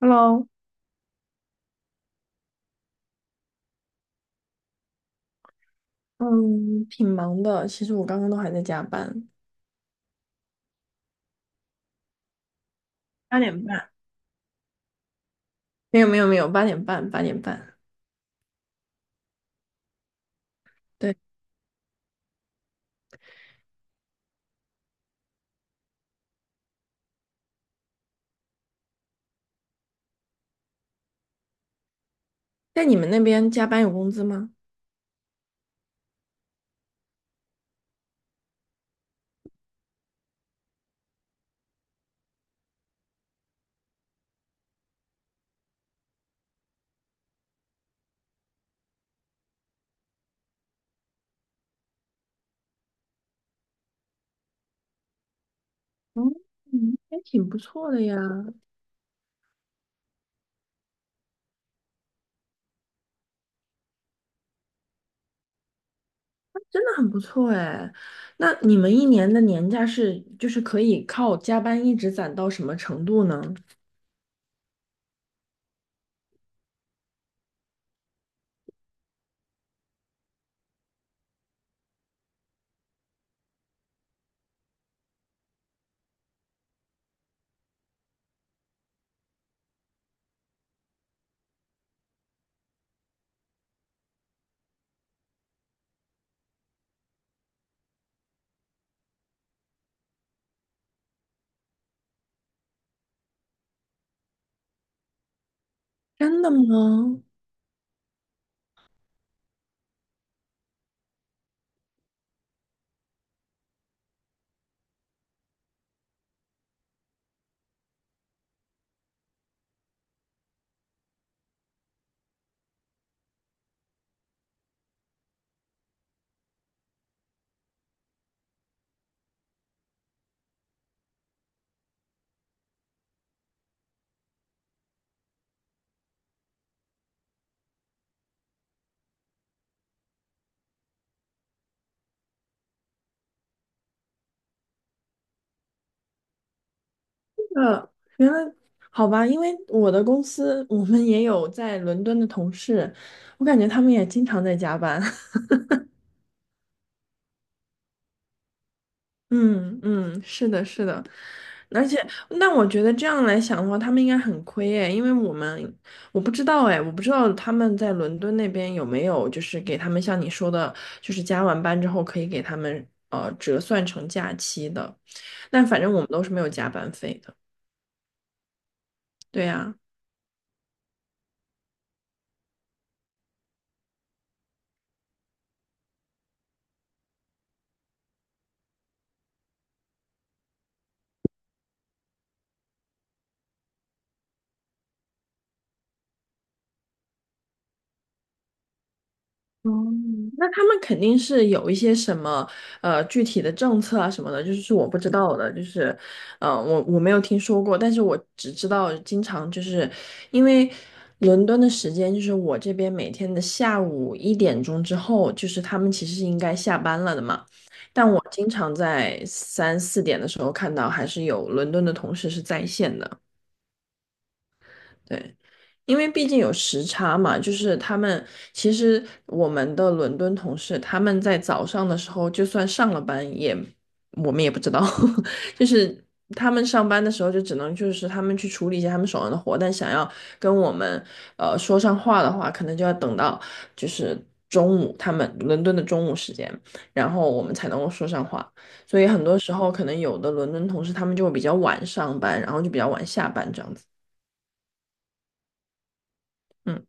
Hello，嗯，挺忙的。其实我刚刚都还在加班，八点半，没有没有没有，八点半八点半。对，在你们那边加班有工资吗？嗯，嗯还挺不错的呀，真的很不错哎。那你们一年的年假是就是可以靠加班一直攒到什么程度呢？真的吗？呃，原来好吧，因为我的公司我们也有在伦敦的同事，我感觉他们也经常在加班。嗯嗯，是的，是的，而且，那我觉得这样来想的话，他们应该很亏诶，因为我们我不知道诶，我不知道他们在伦敦那边有没有就是给他们像你说的，就是加完班之后可以给他们折算成假期的，但反正我们都是没有加班费的。对呀。哦，那他们肯定是有一些什么具体的政策啊什么的，就是是我不知道的，就是我我没有听说过，但是我只知道经常就是因为伦敦的时间就是我这边每天的下午1点钟之后，就是他们其实是应该下班了的嘛，但我经常在3、4点的时候看到还是有伦敦的同事是在线的。对，因为毕竟有时差嘛，就是他们其实我们的伦敦同事，他们在早上的时候就算上了班也，我们也不知道，就是他们上班的时候就只能就是他们去处理一些他们手上的活，但想要跟我们说上话的话，可能就要等到就是中午，他们伦敦的中午时间，然后我们才能够说上话，所以很多时候可能有的伦敦同事他们就会比较晚上班，然后就比较晚下班这样子。嗯。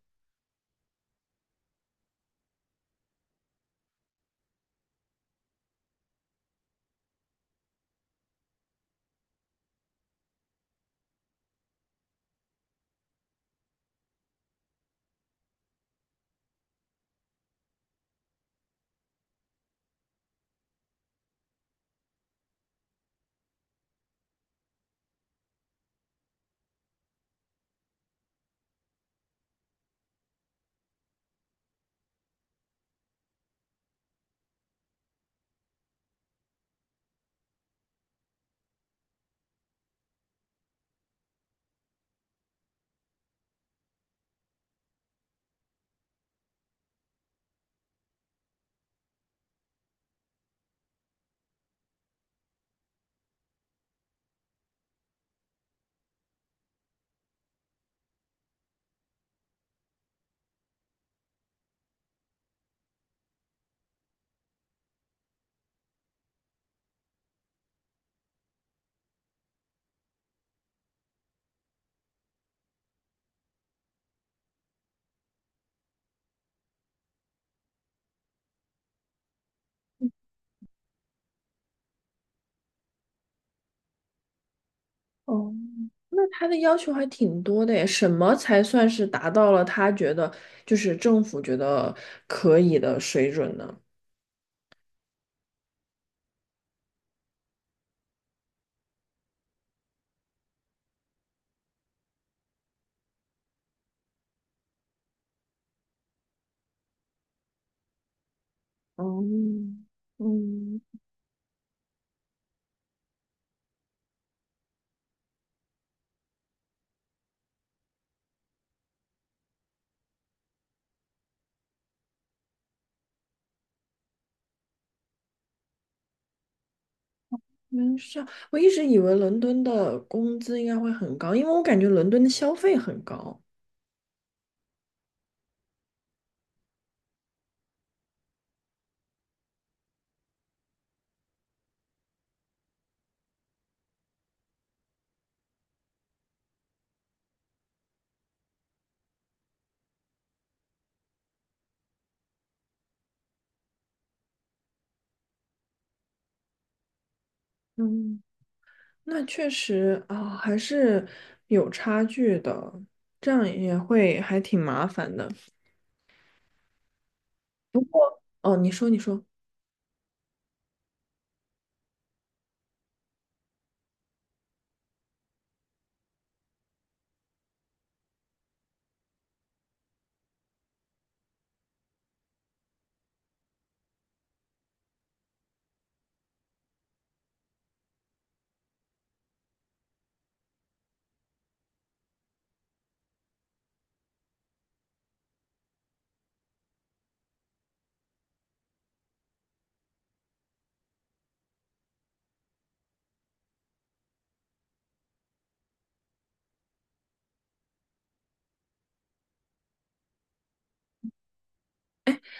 哦，那他的要求还挺多的耶，什么才算是达到了他觉得就是政府觉得可以的水准呢？哦，嗯，没事，是这样我一直以为伦敦的工资应该会很高，因为我感觉伦敦的消费很高。嗯，那确实啊，还是有差距的，这样也会还挺麻烦的。哦，你说，你说。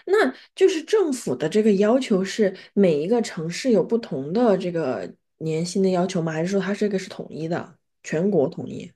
那就是政府的这个要求是每一个城市有不同的这个年薪的要求吗？还是说它这个是统一的，全国统一？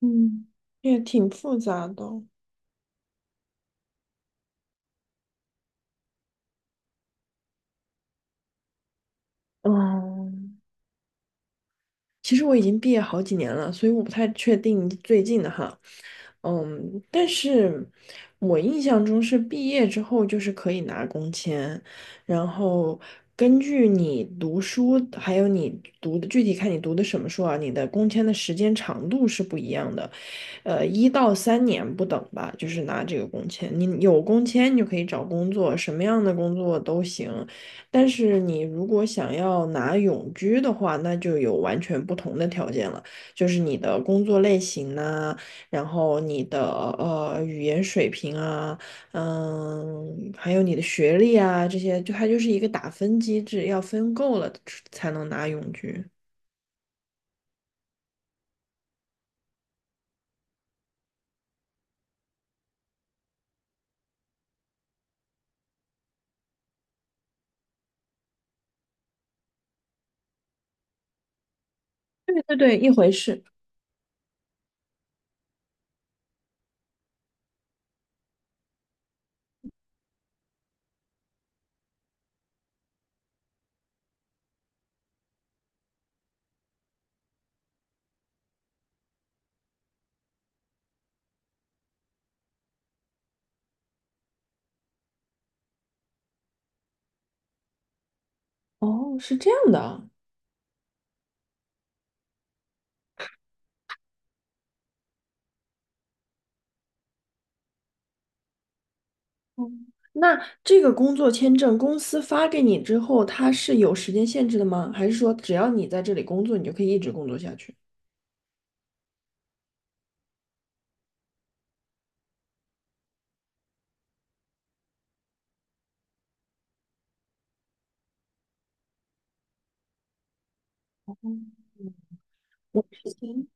嗯，也挺复杂的。哦，其实我已经毕业好几年了，所以我不太确定最近的哈。嗯，但是我印象中是毕业之后就是可以拿工签，然后根据你读书，还有你读的具体看你读的什么书啊，你的工签的时间长度是不一样的，1到3年不等吧，就是拿这个工签。你有工签，你就可以找工作，什么样的工作都行。但是你如果想要拿永居的话，那就有完全不同的条件了，就是你的工作类型呐、然后你的语言水平啊，嗯，还有你的学历啊，这些就它就是一个打分机制，要分够了才能拿永居。对对对，一回事。哦，是这样的啊。哦那这个工作签证公司发给你之后，它是有时间限制的吗？还是说只要你在这里工作，你就可以一直工作下去？我之前，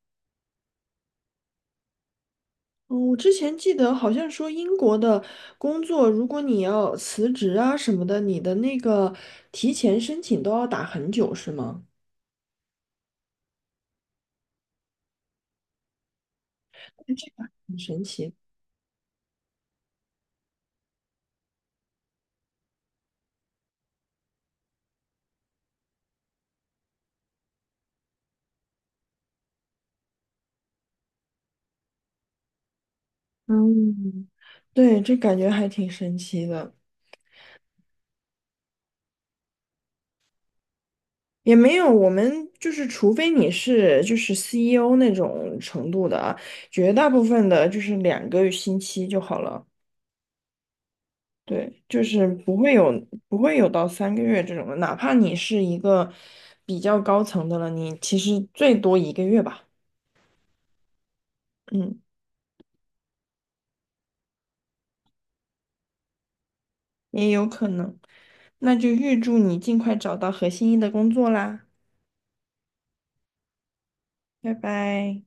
嗯，我之前记得好像说英国的工作，如果你要辞职啊什么的，你的那个提前申请都要打很久，是吗？哎这个很神奇。嗯，对，这感觉还挺神奇的。也没有，我们就是，除非你是就是 CEO 那种程度的啊，绝大部分的就是2个星期就好了。对，就是不会有到3个月这种的，哪怕你是一个比较高层的了，你其实最多一个月吧，嗯，也有可能。那就预祝你尽快找到合心意的工作啦，拜拜。